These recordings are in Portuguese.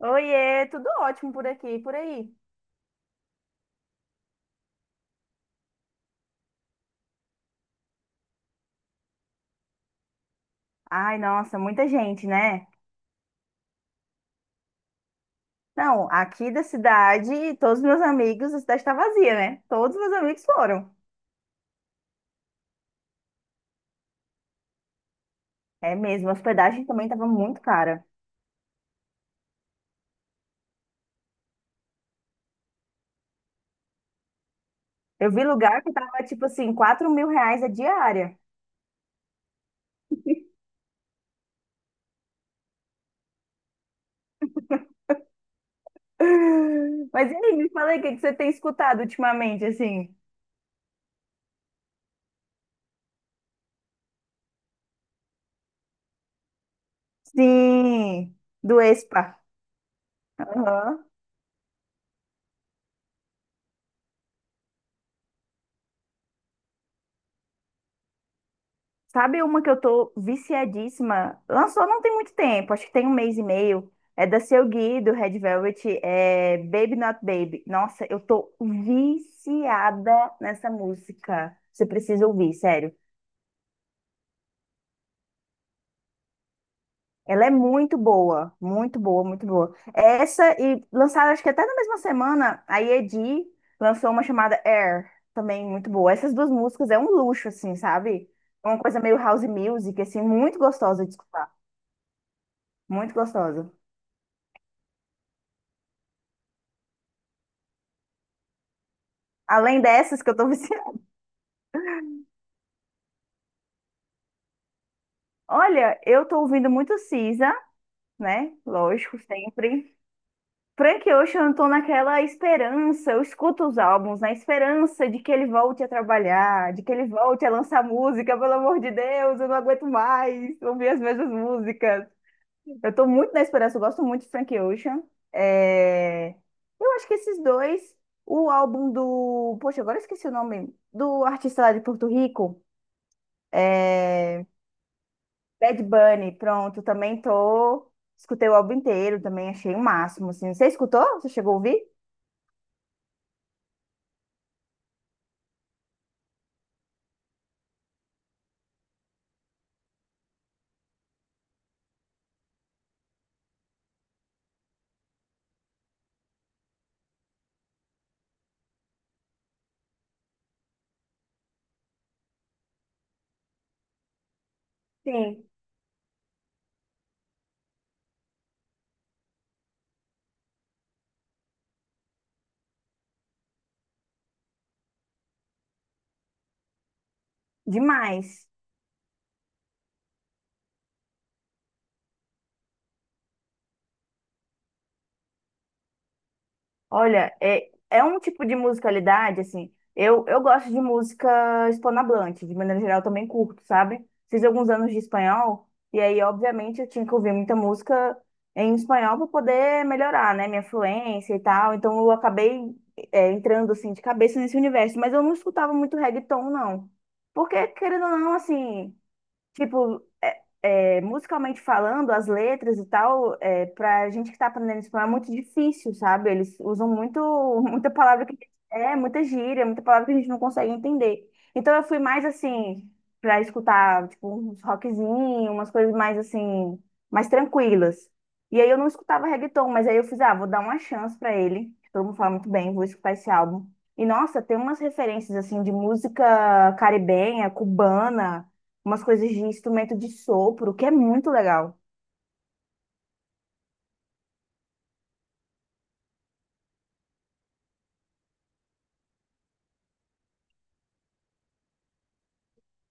Oiê, tudo ótimo por aqui, por aí. Ai, nossa, muita gente, né? Não, aqui da cidade, todos os meus amigos, a cidade está vazia, né? Todos os meus amigos foram. É mesmo, a hospedagem também estava muito cara. Eu vi lugar que tava tipo assim, R$ 4.000 a diária. Mas e aí, me fala aí, o que que você tem escutado ultimamente, assim? Sim, do Expa. Aham. Sabe uma que eu tô viciadíssima? Lançou não tem muito tempo, acho que tem um mês e meio. É da Seu Gui, do Red Velvet, é Baby Not Baby. Nossa, eu tô viciada nessa música. Você precisa ouvir, sério. Ela é muito boa, muito boa, muito boa. Essa e lançaram, acho que até na mesma semana, a Yedi lançou uma chamada Air, também muito boa. Essas duas músicas é um luxo, assim, sabe? É uma coisa meio house music, assim, muito gostosa de escutar, muito gostosa. Além dessas que eu tô viciada. Olha, eu tô ouvindo muito Cisa, né? Lógico, sempre. Frank Ocean, eu tô naquela esperança, eu escuto os álbuns na esperança de que ele volte a trabalhar, de que ele volte a lançar música, pelo amor de Deus, eu não aguento mais ouvir as mesmas músicas. Eu tô muito na esperança, eu gosto muito de Frank Ocean. É, eu acho que esses dois, o álbum do. Poxa, agora eu esqueci o nome. Do artista lá de Porto Rico. Bad Bunny, pronto, também tô. Escutei o álbum inteiro, também achei o máximo, assim. Você escutou? Você chegou a ouvir? Sim. Demais. Olha, é, é um tipo de musicalidade, assim. Eu gosto de música hispanohablante, de maneira geral também curto, sabe? Fiz alguns anos de espanhol, e aí, obviamente, eu tinha que ouvir muita música em espanhol para poder melhorar, né, minha fluência e tal. Então, eu acabei, entrando, assim, de cabeça nesse universo. Mas eu não escutava muito reggaeton, não. Porque, querendo ou não, assim, tipo musicalmente falando, as letras e tal, pra gente que tá aprendendo espanhol é muito difícil, sabe? Eles usam muito, muita palavra que muita gíria, muita palavra que a gente não consegue entender. Então eu fui mais assim, pra escutar, tipo, uns rockzinhos, umas coisas mais assim, mais tranquilas. E aí eu não escutava reggaeton, mas aí eu fiz, ah, vou dar uma chance pra ele. Todo mundo fala muito bem, vou escutar esse álbum. E nossa, tem umas referências assim de música caribenha, cubana umas coisas de instrumento de sopro, que é muito legal.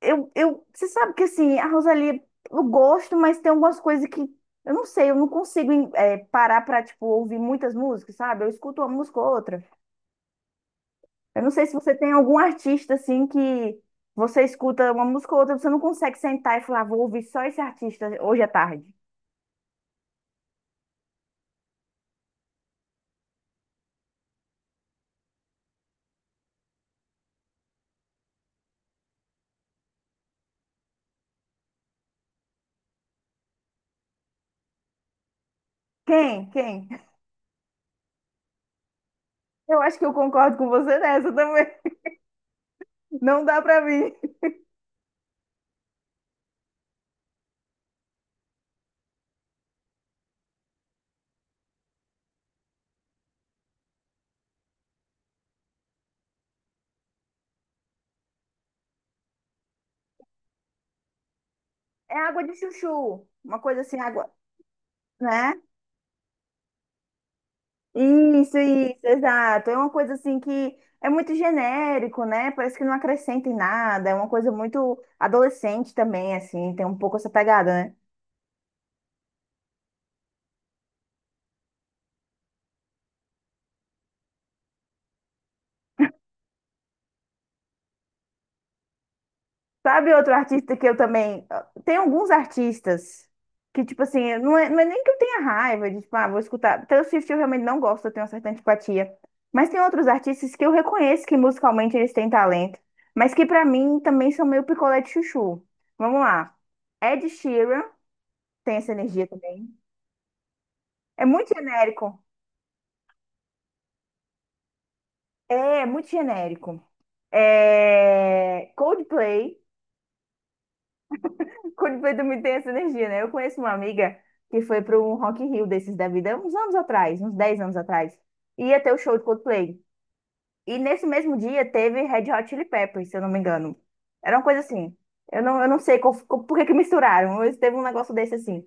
Você sabe que assim, a Rosalia, eu gosto, mas tem algumas coisas que eu não sei, eu não consigo parar pra, tipo, ouvir muitas músicas, sabe? Eu escuto uma música ou outra. Eu não sei se você tem algum artista assim que você escuta uma música ou outra, você não consegue sentar e falar, vou ouvir só esse artista hoje à tarde. Quem? Quem? Eu acho que eu concordo com você nessa também. Não dá pra mim. É água de chuchu, uma coisa assim, água, né? Isso, exato. É uma coisa assim que é muito genérico, né? Parece que não acrescenta em nada. É uma coisa muito adolescente também, assim, tem um pouco essa pegada, né? Sabe outro artista que eu também. Ah, tem alguns artistas que, tipo assim, não é nem que eu tenha raiva de, tipo, ah, vou escutar. Taylor Swift eu realmente não gosto, eu tenho uma certa antipatia. Mas tem outros artistas que eu reconheço que musicalmente eles têm talento, mas que pra mim também são meio picolé de chuchu. Vamos lá. Ed Sheeran tem essa energia também. É muito genérico. É, é muito genérico. É... Coldplay. Coldplay também tem essa energia, né? Eu conheço uma amiga que foi para um Rock in Rio desses da vida, uns anos atrás, uns 10 anos atrás. Ia ter o show de Coldplay. E nesse mesmo dia teve Red Hot Chili Peppers, se eu não me engano. Era uma coisa assim. Eu não sei por que que misturaram, mas teve um negócio desse assim.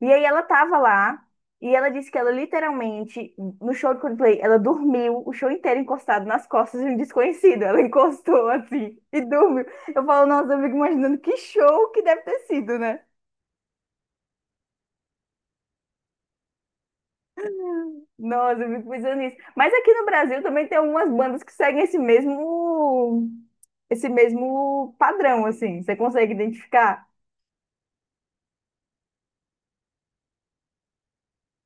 E aí ela tava lá e ela disse que ela literalmente, no show de Coldplay, ela dormiu o show inteiro encostado nas costas de um desconhecido. Ela encostou assim e dormiu. Eu falo, nossa, eu fico imaginando que show que deve ter sido, né? Nossa, eu fico pensando nisso. Mas aqui no Brasil também tem algumas bandas que seguem esse mesmo padrão, assim. Você consegue identificar?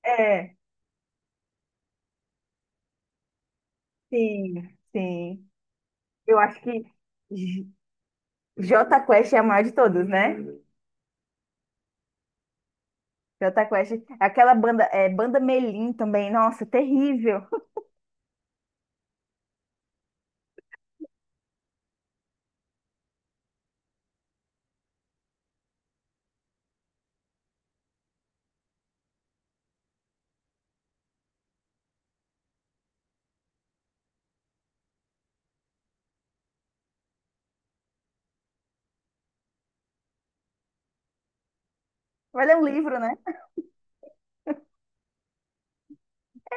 É, sim, sim. Eu acho que J Quest é a maior de todas, né? Jota Quest. Aquela banda, é, Banda Melim também. Nossa, terrível. Vai ler um livro, né?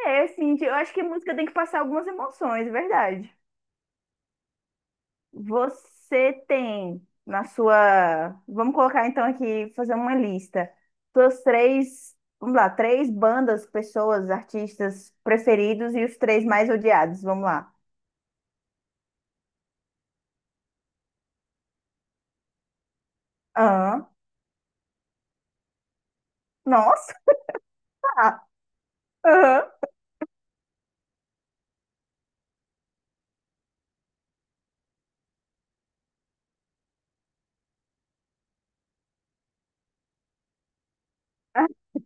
É, assim, eu acho que a música tem que passar algumas emoções, é verdade. Você tem na sua. Vamos colocar então aqui, fazer uma lista. Suas três. Vamos lá, três bandas, pessoas, artistas preferidos e os três mais odiados. Vamos lá. Aham. Nossa! Aham.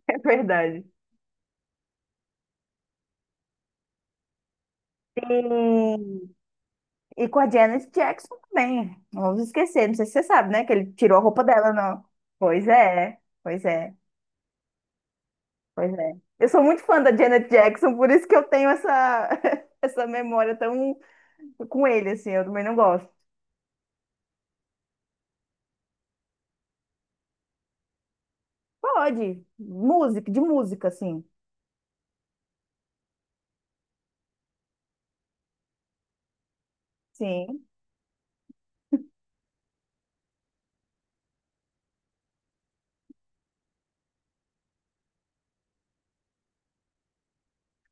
É verdade. Tem. E com a Janet Jackson também. Não vamos esquecer, não sei se você sabe, né? Que ele tirou a roupa dela, não. Pois é, pois é, pois é. Eu sou muito fã da Janet Jackson, por isso que eu tenho essa, essa memória tão com ele, assim. Eu também não gosto. Pode, música, de música, assim. Sim.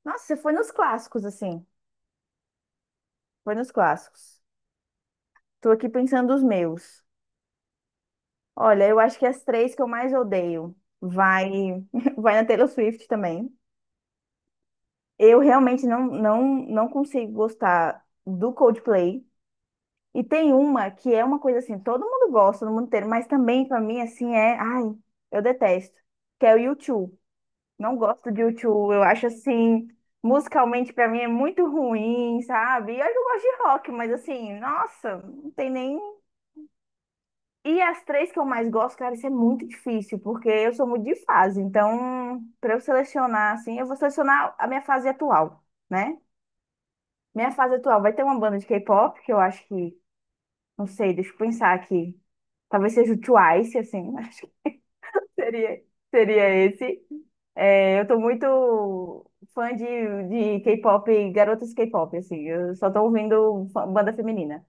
Nossa, você foi nos clássicos, assim. Foi nos clássicos. Tô aqui pensando os meus. Olha, eu acho que as três que eu mais odeio vai, vai na Taylor Swift também. Eu realmente não consigo gostar do Coldplay. E tem uma que é uma coisa assim, todo mundo gosta, no mundo inteiro, mas também pra mim assim é, ai, eu detesto, que é o U2. Não gosto de U2, eu acho assim, musicalmente pra mim é muito ruim, sabe? E olha que eu gosto de rock, mas assim, nossa, não tem nem. E as três que eu mais gosto, cara, isso é muito difícil, porque eu sou muito de fase. Então, pra eu selecionar assim, eu vou selecionar a minha fase atual, né? Minha fase atual vai ter uma banda de K-pop, que eu acho que, não sei, deixa eu pensar aqui. Talvez seja o Twice, assim, acho que seria, seria esse. É, eu tô muito fã de K-pop, garotas K-pop, assim, eu só tô ouvindo banda feminina.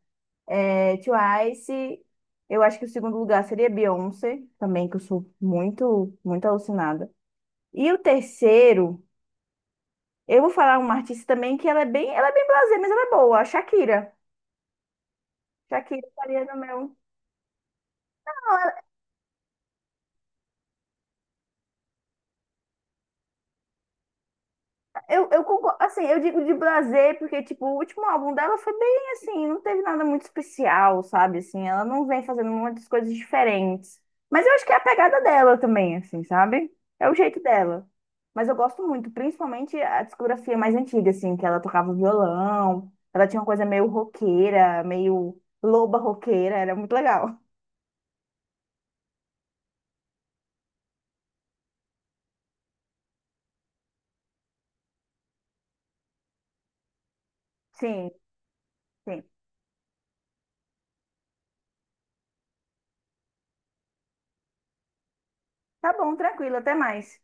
É, Twice, eu acho que o segundo lugar seria Beyoncé, também, que eu sou muito, muito alucinada. E o terceiro, eu vou falar uma artista também que ela é bem blasé, mas ela é boa, a Shakira. Shakira estaria no meu. Eu concordo, assim, eu digo de prazer, porque, tipo, o último álbum dela foi bem, assim, não teve nada muito especial, sabe, assim, ela não vem fazendo muitas coisas diferentes, mas eu acho que é a pegada dela também, assim, sabe, é o jeito dela, mas eu gosto muito, principalmente a discografia mais antiga, assim, que ela tocava violão, ela tinha uma coisa meio roqueira, meio loba roqueira, era muito legal. Sim, sim. Tá bom, tranquilo, até mais.